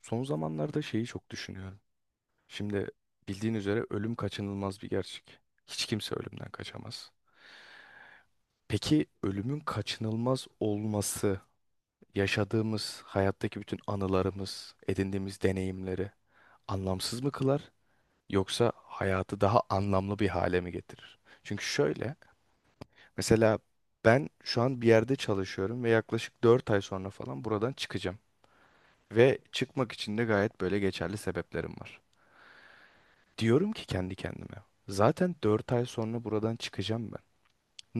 Son zamanlarda şeyi çok düşünüyorum. Şimdi bildiğin üzere ölüm kaçınılmaz bir gerçek. Hiç kimse ölümden kaçamaz. Peki ölümün kaçınılmaz olması, yaşadığımız hayattaki bütün anılarımız, edindiğimiz deneyimleri anlamsız mı kılar yoksa hayatı daha anlamlı bir hale mi getirir? Çünkü şöyle, mesela ben şu an bir yerde çalışıyorum ve yaklaşık 4 ay sonra falan buradan çıkacağım ve çıkmak için de gayet böyle geçerli sebeplerim var. Diyorum ki kendi kendime. Zaten 4 ay sonra buradan çıkacağım ben.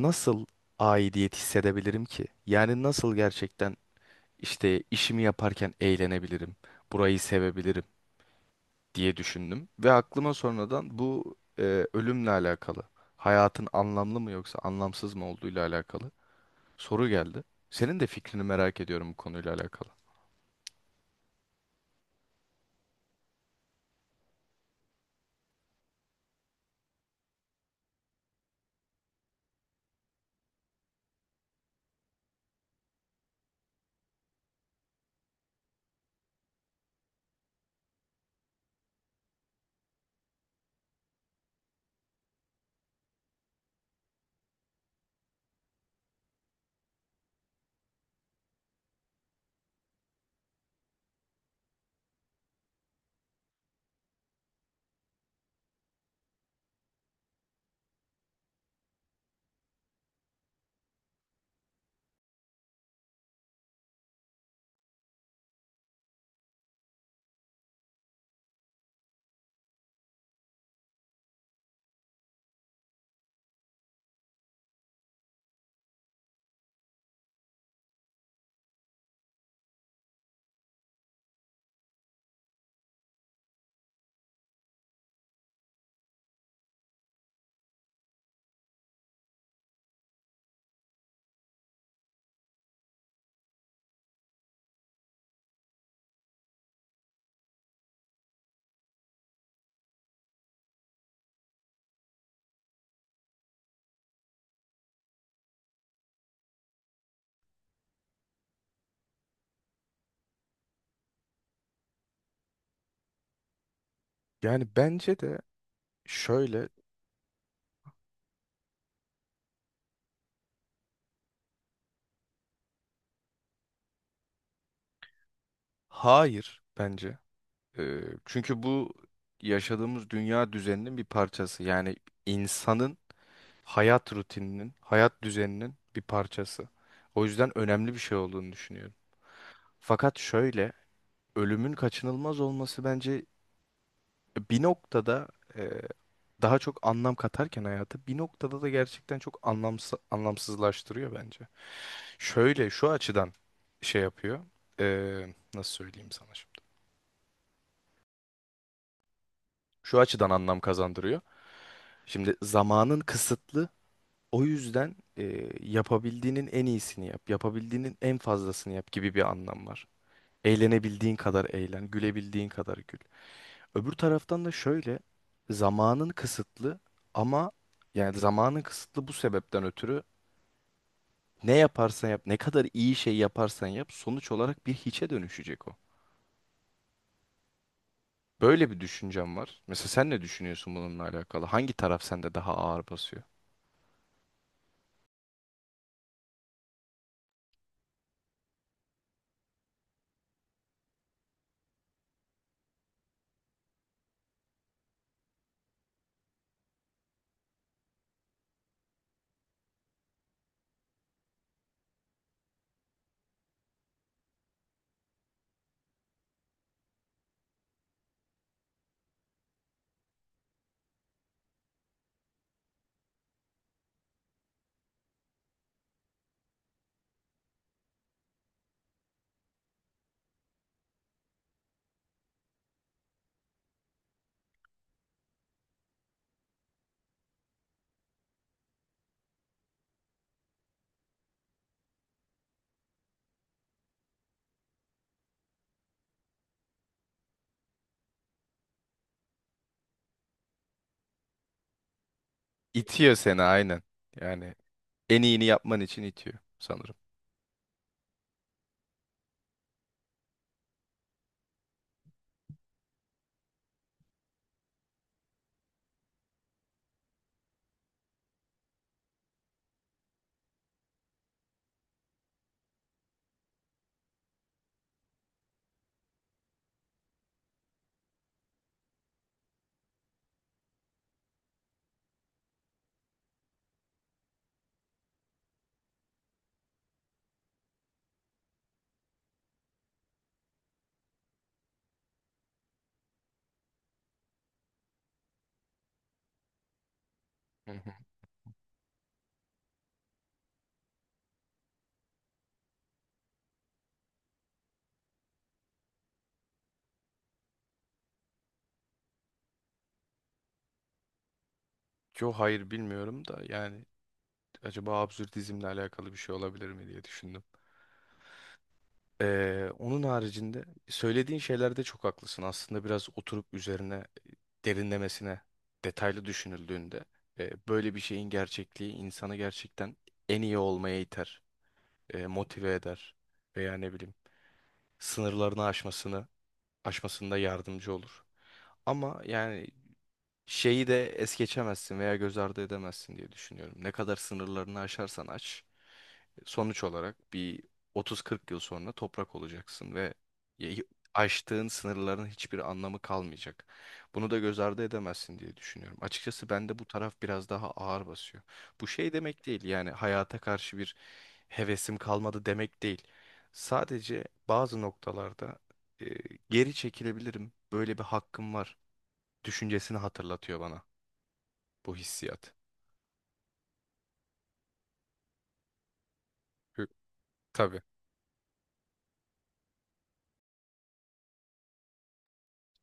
Nasıl aidiyet hissedebilirim ki? Yani nasıl gerçekten işte işimi yaparken eğlenebilirim, burayı sevebilirim diye düşündüm. Ve aklıma sonradan bu ölümle alakalı, hayatın anlamlı mı yoksa anlamsız mı olduğuyla alakalı soru geldi. Senin de fikrini merak ediyorum bu konuyla alakalı. Yani bence de şöyle, hayır bence. Ee, çünkü bu yaşadığımız dünya düzeninin bir parçası. Yani insanın hayat rutininin, hayat düzeninin bir parçası. O yüzden önemli bir şey olduğunu düşünüyorum. Fakat şöyle, ölümün kaçınılmaz olması bence bir noktada e, daha çok anlam katarken hayata bir noktada da gerçekten çok anlamsızlaştırıyor bence. Şöyle şu açıdan şey yapıyor. Nasıl söyleyeyim sana şimdi? Şu açıdan anlam kazandırıyor. Şimdi zamanın kısıtlı. O yüzden yapabildiğinin en iyisini yap, yapabildiğinin en fazlasını yap gibi bir anlam var. Eğlenebildiğin kadar eğlen, gülebildiğin kadar gül. Öbür taraftan da şöyle, zamanın kısıtlı ama yani zamanın kısıtlı bu sebepten ötürü ne yaparsan yap, ne kadar iyi şey yaparsan yap, sonuç olarak bir hiçe dönüşecek o. Böyle bir düşüncem var. Mesela sen ne düşünüyorsun bununla alakalı? Hangi taraf sende daha ağır basıyor? İtiyor seni aynen. Yani en iyini yapman için itiyor sanırım. Hı hı. Yo, hayır bilmiyorum da yani acaba absürdizmle alakalı bir şey olabilir mi diye düşündüm. Onun haricinde söylediğin şeylerde çok haklısın. Aslında biraz oturup üzerine derinlemesine detaylı düşünüldüğünde böyle bir şeyin gerçekliği insanı gerçekten en iyi olmaya iter, motive eder veya ne bileyim sınırlarını aşmasında yardımcı olur. Ama yani şeyi de es geçemezsin veya göz ardı edemezsin diye düşünüyorum. Ne kadar sınırlarını aşarsan aç, sonuç olarak bir 30-40 yıl sonra toprak olacaksın ve y- aştığın sınırların hiçbir anlamı kalmayacak. Bunu da göz ardı edemezsin diye düşünüyorum. Açıkçası bende bu taraf biraz daha ağır basıyor. Bu şey demek değil yani hayata karşı bir hevesim kalmadı demek değil. Sadece bazı noktalarda e, geri çekilebilirim. Böyle bir hakkım var düşüncesini hatırlatıyor bana bu hissiyat. Hı, tabii.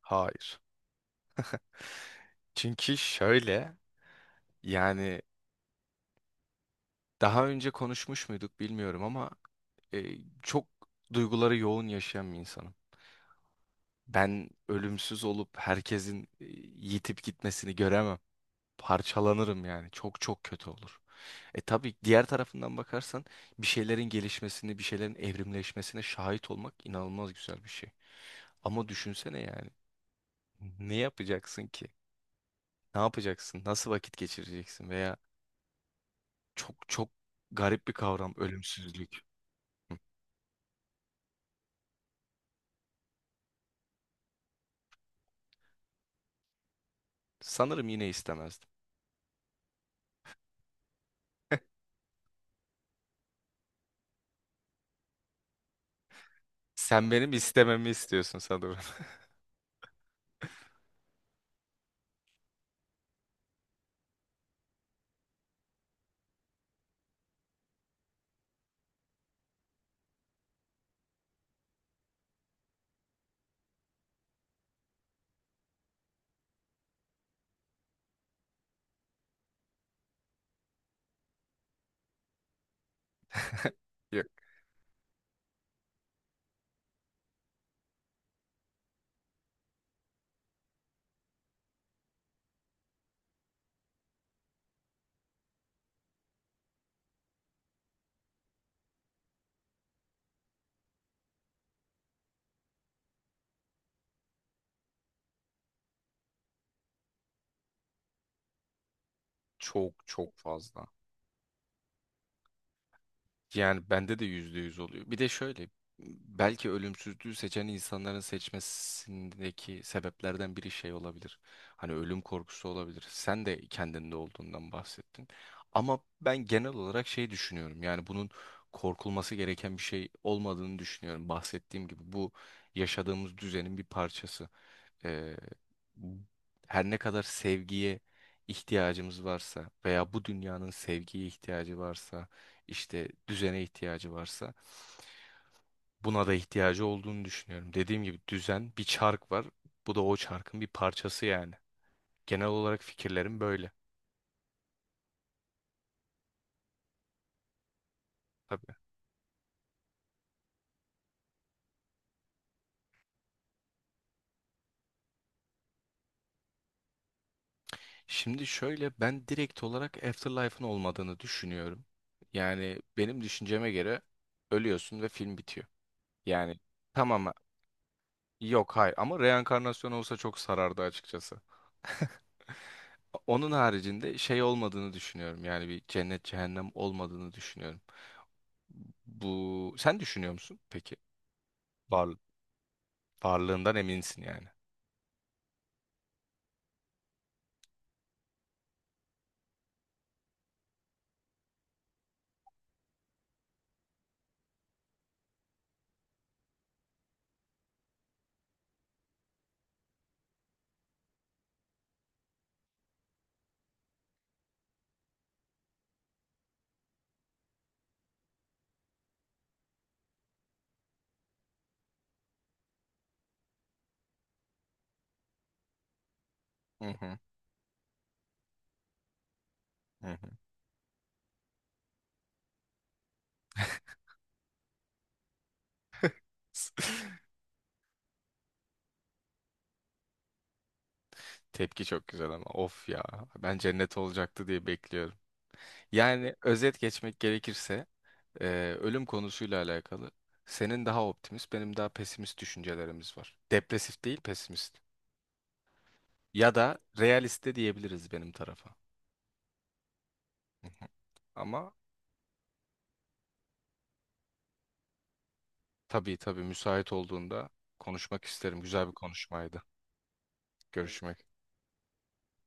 Hayır. Çünkü şöyle yani daha önce konuşmuş muyduk bilmiyorum ama e, çok duyguları yoğun yaşayan bir insanım. Ben ölümsüz olup herkesin yitip gitmesini göremem. Parçalanırım yani. Çok çok kötü olur. E tabii diğer tarafından bakarsan bir şeylerin gelişmesini, bir şeylerin evrimleşmesine şahit olmak inanılmaz güzel bir şey. Ama düşünsene yani ne yapacaksın ki? Ne yapacaksın? Nasıl vakit geçireceksin? Veya çok çok garip bir kavram ölümsüzlük. Hı. Sanırım yine istemezdim. Sen benim istememi istiyorsun sanırım. Yok, çok çok fazla. Yani bende de %100 oluyor. Bir de şöyle belki ölümsüzlüğü seçen insanların seçmesindeki sebeplerden biri şey olabilir. Hani ölüm korkusu olabilir. Sen de kendinde olduğundan bahsettin. Ama ben genel olarak şey düşünüyorum. Yani bunun korkulması gereken bir şey olmadığını düşünüyorum. Bahsettiğim gibi bu yaşadığımız düzenin bir parçası. e, Her ne kadar sevgiye ihtiyacımız varsa veya bu dünyanın sevgiye ihtiyacı varsa işte düzene ihtiyacı varsa buna da ihtiyacı olduğunu düşünüyorum. Dediğim gibi düzen bir çark var. Bu da o çarkın bir parçası yani. Genel olarak fikirlerim böyle. Tabii. Şimdi şöyle ben direkt olarak Afterlife'ın olmadığını düşünüyorum. Yani benim düşünceme göre ölüyorsun ve film bitiyor. Yani tamam. Yok, hayır, ama reenkarnasyon olsa çok sarardı açıkçası. Onun haricinde şey olmadığını düşünüyorum. Yani bir cennet cehennem olmadığını düşünüyorum. Bu sen düşünüyor musun peki? Var, varlığından eminsin yani. Hı hı. Hı hı. Tepki çok güzel ama of ya ben cennet olacaktı diye bekliyorum. Yani özet geçmek gerekirse e, ölüm konusuyla alakalı senin daha optimist benim daha pesimist düşüncelerimiz var. Depresif değil pesimist. Ya da realiste diyebiliriz benim tarafa. Hı hı. Ama tabii tabii müsait olduğunda konuşmak isterim. Güzel bir konuşmaydı. Görüşmek